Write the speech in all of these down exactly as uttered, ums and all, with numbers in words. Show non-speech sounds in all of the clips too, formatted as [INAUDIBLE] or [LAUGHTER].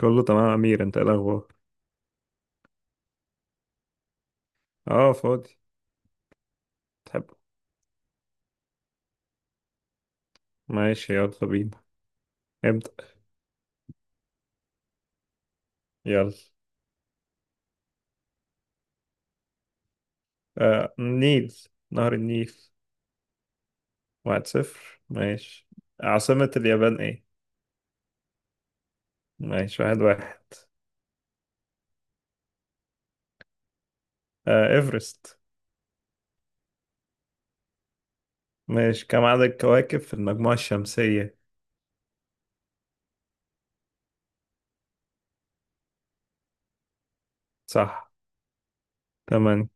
كله تمام يا أمير. أنت إيه الأخبار؟ أه، فاضي. تحب؟ ماشي، يلا بينا. ابدأ. يلا. آه النيل. نهر النيل. واحد صفر. ماشي. عاصمة اليابان إيه؟ ماشي، واحد واحد. آه إيفرست. ماشي. كم عدد الكواكب في المجموعة الشمسية؟ صح. تمام.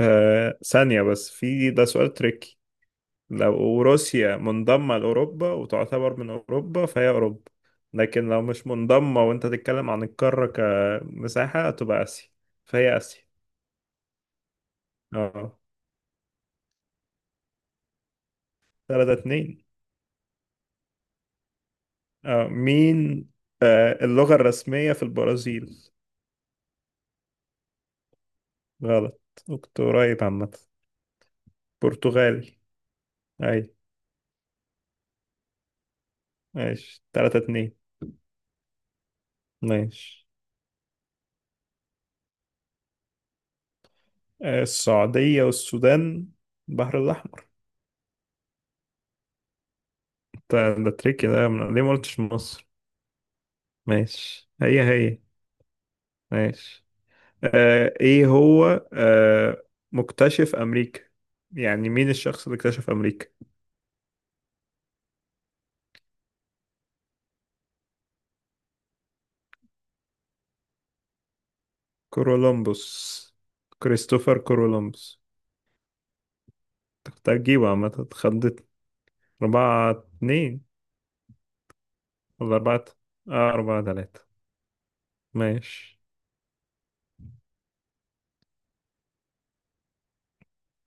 آه ثانية بس في ده سؤال تريكي. لو روسيا منضمة لأوروبا وتعتبر من أوروبا فهي أوروبا، لكن لو مش منضمة وأنت تتكلم عن القارة كمساحة تبقى آسيا، فهي آسيا. اه. تلاتة اتنين. اه، مين. آه اللغة الرسمية في البرازيل. غلط. كنت قريب عامة. برتغالي. أي. ماشي، تلاتة اتنين. ماشي. آه السعودية والسودان، البحر الأحمر. ده ده تريكي، ده من- ليه ما قلتش مصر؟ ماشي. هي هي. ماشي. آه، ايه هو، آه، مكتشف امريكا، يعني مين الشخص اللي اكتشف امريكا. كولومبوس. كريستوفر كولومبوس. أنت كنت هتجيبه عامة، اتخضيت. أربعة اتنين، ولا أربعة؟ آه أربعة تلاتة. ماشي.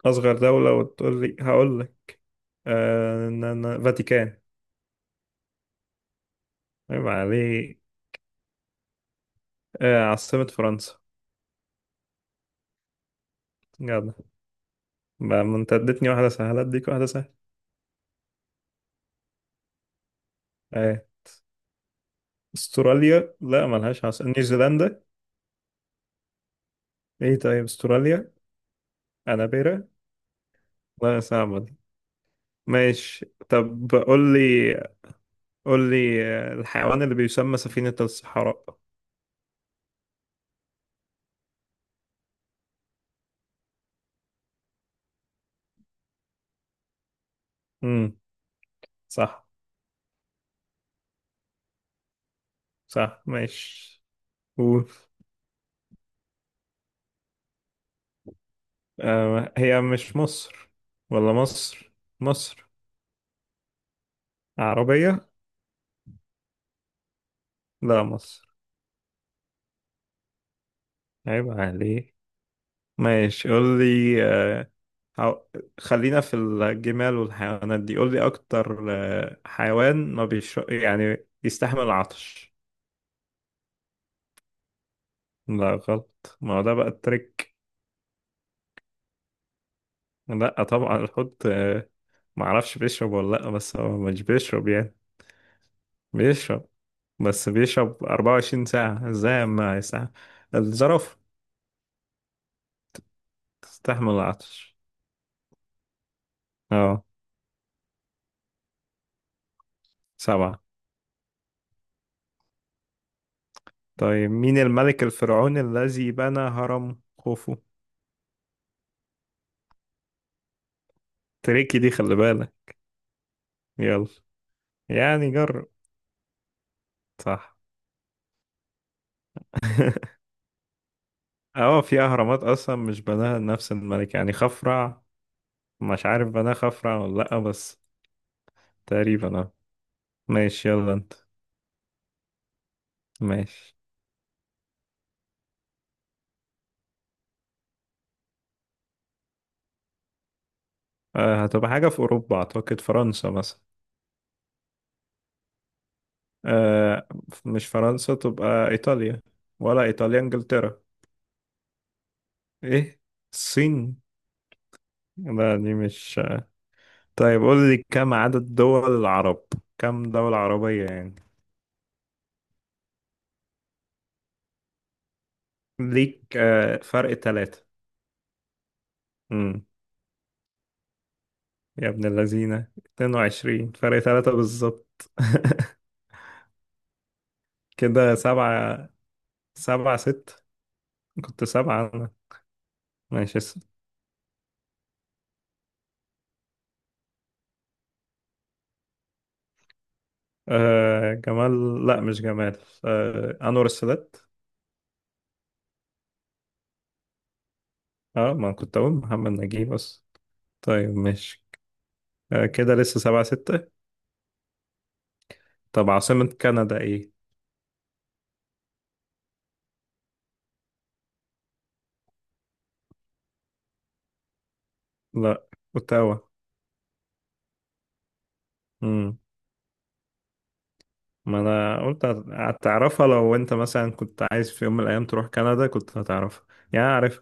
أصغر دولة وتقول لي هقول لك. آه ن- ن- فاتيكان. عيب عليه. آه عاصمة فرنسا. جدع. بقى ما انت اديتني واحدة سهلة اديك واحدة سهلة. آه. استراليا لا ملهاش عاصمة، نيوزيلندا. ايه طيب استراليا؟ انابيرا. لا، صعبة دي. ماشي، طب قول لي، قول لي آه، الحيوان اللي بيسمى سفينة الصحراء. امم صح. صح، ماشي. قول. آه هي مش مصر، ولا مصر. مصر. عربية. لا، مصر. عيب عليه. ماشي، قول لي. آه هو- خلينا في الجمال والحيوانات دي. قول لي اكتر، آه، حيوان ما بيش يعني يستحمل العطش. لا غلط، ما هو ده بقى التريك. لا طبعا الحوت. آه، ما اعرفش بيشرب ولا لا، بس هو مش بيشرب يعني. بيشرب، بس بيشرب أربعة وعشرين ساعة ازاي ما ساعة. الزرافة تستحمل العطش. اه. سبعة. طيب مين الملك الفرعوني الذي بنى هرم خوفو؟ تريكي دي، خلي بالك. يلا. يعني جرب. صح. [LAUGHS] اه، في اهرامات اصلا مش بناها نفس الملك، يعني خفرع. مش عارف بناها خفرع ولا لا بس. تقريبا. آه. ماشي، يلا انت. ماشي. آه هتبقى حاجة في أوروبا، أعتقد فرنسا مثلا. آه ف- مش فرنسا، تبقى إيطاليا. ولا إيطاليا، إنجلترا. إيه. الصين. لا دي مش. آه، طيب قول لي، كم عدد دول العرب؟ كم دولة عربية يعني. ليك آه فرق ثلاثة. امم. يا ابن اللذينة، اثنين وعشرين، فرق ثلاثة بالظبط. [LAUGHS] كده سبعة. سبعة ست كنت سبعة أنا. ماشي. آه جمال، لا مش جمال. آه أنور السادات. اه، ما كنت أقول محمد نجيب بس. طيب ماشي. آه كده لسه سبعة ستة. طب عاصمة كندا ايه؟ لا. أوتاوا. امم. ما أنا قلت هت- هتعرفها، لو أنت مثلا كنت عايز في يوم من الأيام تروح كندا كنت هتعرفها. يعني عارف.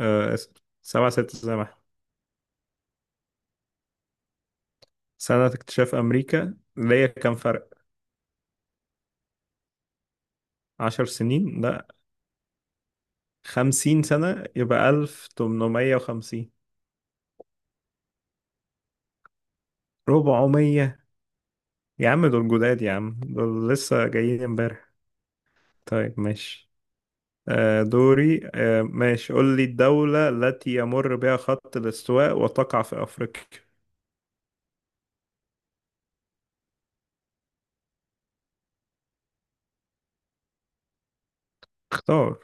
آه اسم. سبعة ستة زي ما احنا. سنة اكتشاف أمريكا ليا كام فرق؟ عشر سنين؟ لا. خمسين سنة؟ يبقى ألف تمنمية وخمسين. ربعمية. يا عم دول جداد، يا عم دول لسه جايين امبارح. طيب ماشي. آه دوري، آه ماشي، قول لي الدولة التي يمر بها خط الاستواء وتقع في أفريقيا. اختار.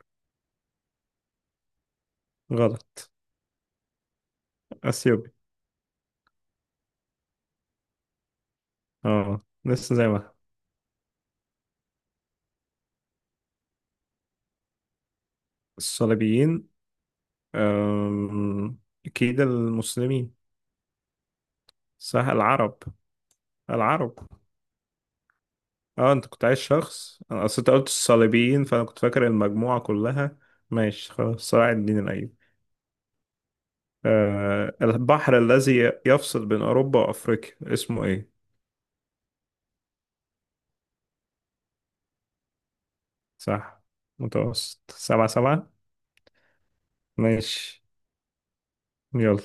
غلط. أثيوبيا. اه لسه زي ما. الصليبيين. آم، أكيد المسلمين. صح، العرب. العرب. اه، انت كنت عايز شخص، انا اصل انت قلت الصليبيين فانا كنت فاكر المجموعة كلها. ماشي خلاص، صلاح الدين الأيوبي. آه، البحر الذي يفصل بين أوروبا وأفريقيا اسمه إيه؟ صح، متوسط. سبعة سبعة. ماشي. يلا.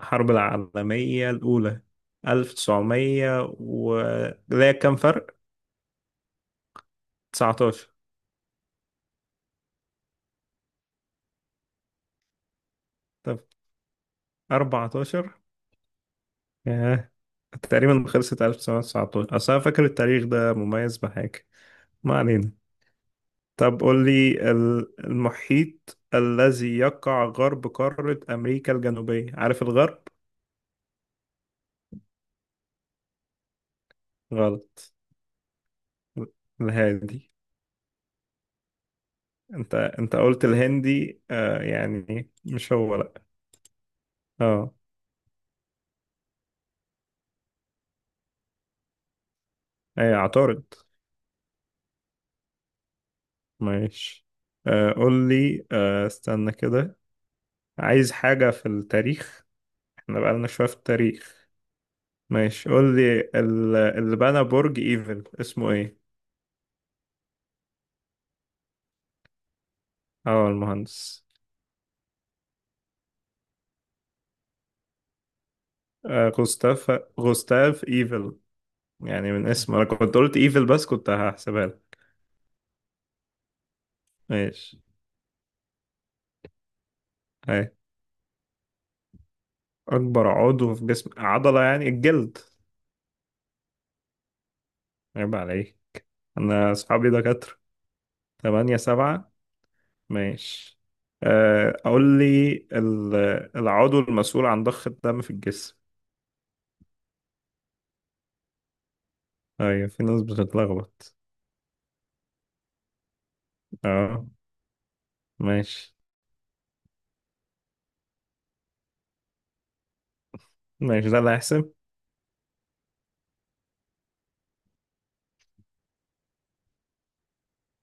الحرب العالمية الأولى ألف تسعمية و... لا كام فرق؟ تسعتاشر. طب أربعتاشر. ياه، تقريبا خلصت. ألف تسعمية تسعتاشر، أصل أنا فاكر التاريخ ده مميز بحاجة. ما علينا. طب قول لي ال- المحيط الذي يقع غرب قارة أمريكا الجنوبية، عارف الغرب؟ غلط. الهادي. انت انت قلت الهندي، آه يعني مش هو لا. اه. اي اعترض. ماشي. آه قول لي، آه استنى كده، عايز حاجة في التاريخ. احنا بقالنا شوية في التاريخ. ماشي، قول لي ال- اللي بنى برج ايفل اسمه ايه. اه المهندس. آه غوستاف. غوستاف ايفل. يعني من اسمه انا كنت قلت ايفل، بس كنت هحسبها لك. ماشي. هاي. اكبر عضو في جسم، عضلة يعني الجلد. عيب عليك، أنا أصحابي دكاترة. تمانية سبعة. ماشي. آه، أقول لي ال- العضو المسؤول عن ضخ الدم في الجسم. أيوة، في ناس بتتلخبط. أه. ماشي. ماشي، ده اللي هيحسب.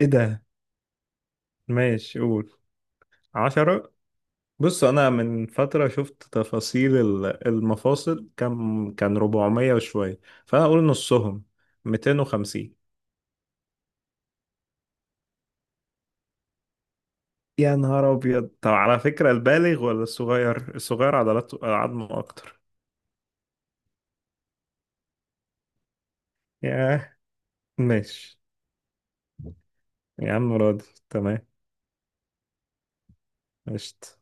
إيه ده. ماشي، قول. عشرة. بص، أنا من فترة شفت تفاصيل ال- المفاصل، كان كان أربعمية وشوية، فأنا أقول نصهم. مئتين وخمسين. يا نهار أبيض. طب على فكرة، البالغ ولا الصغير؟ الصغير عضلاته عظمه أكتر. ياه. ماشي. يا عم راضي. تمام. قشطة.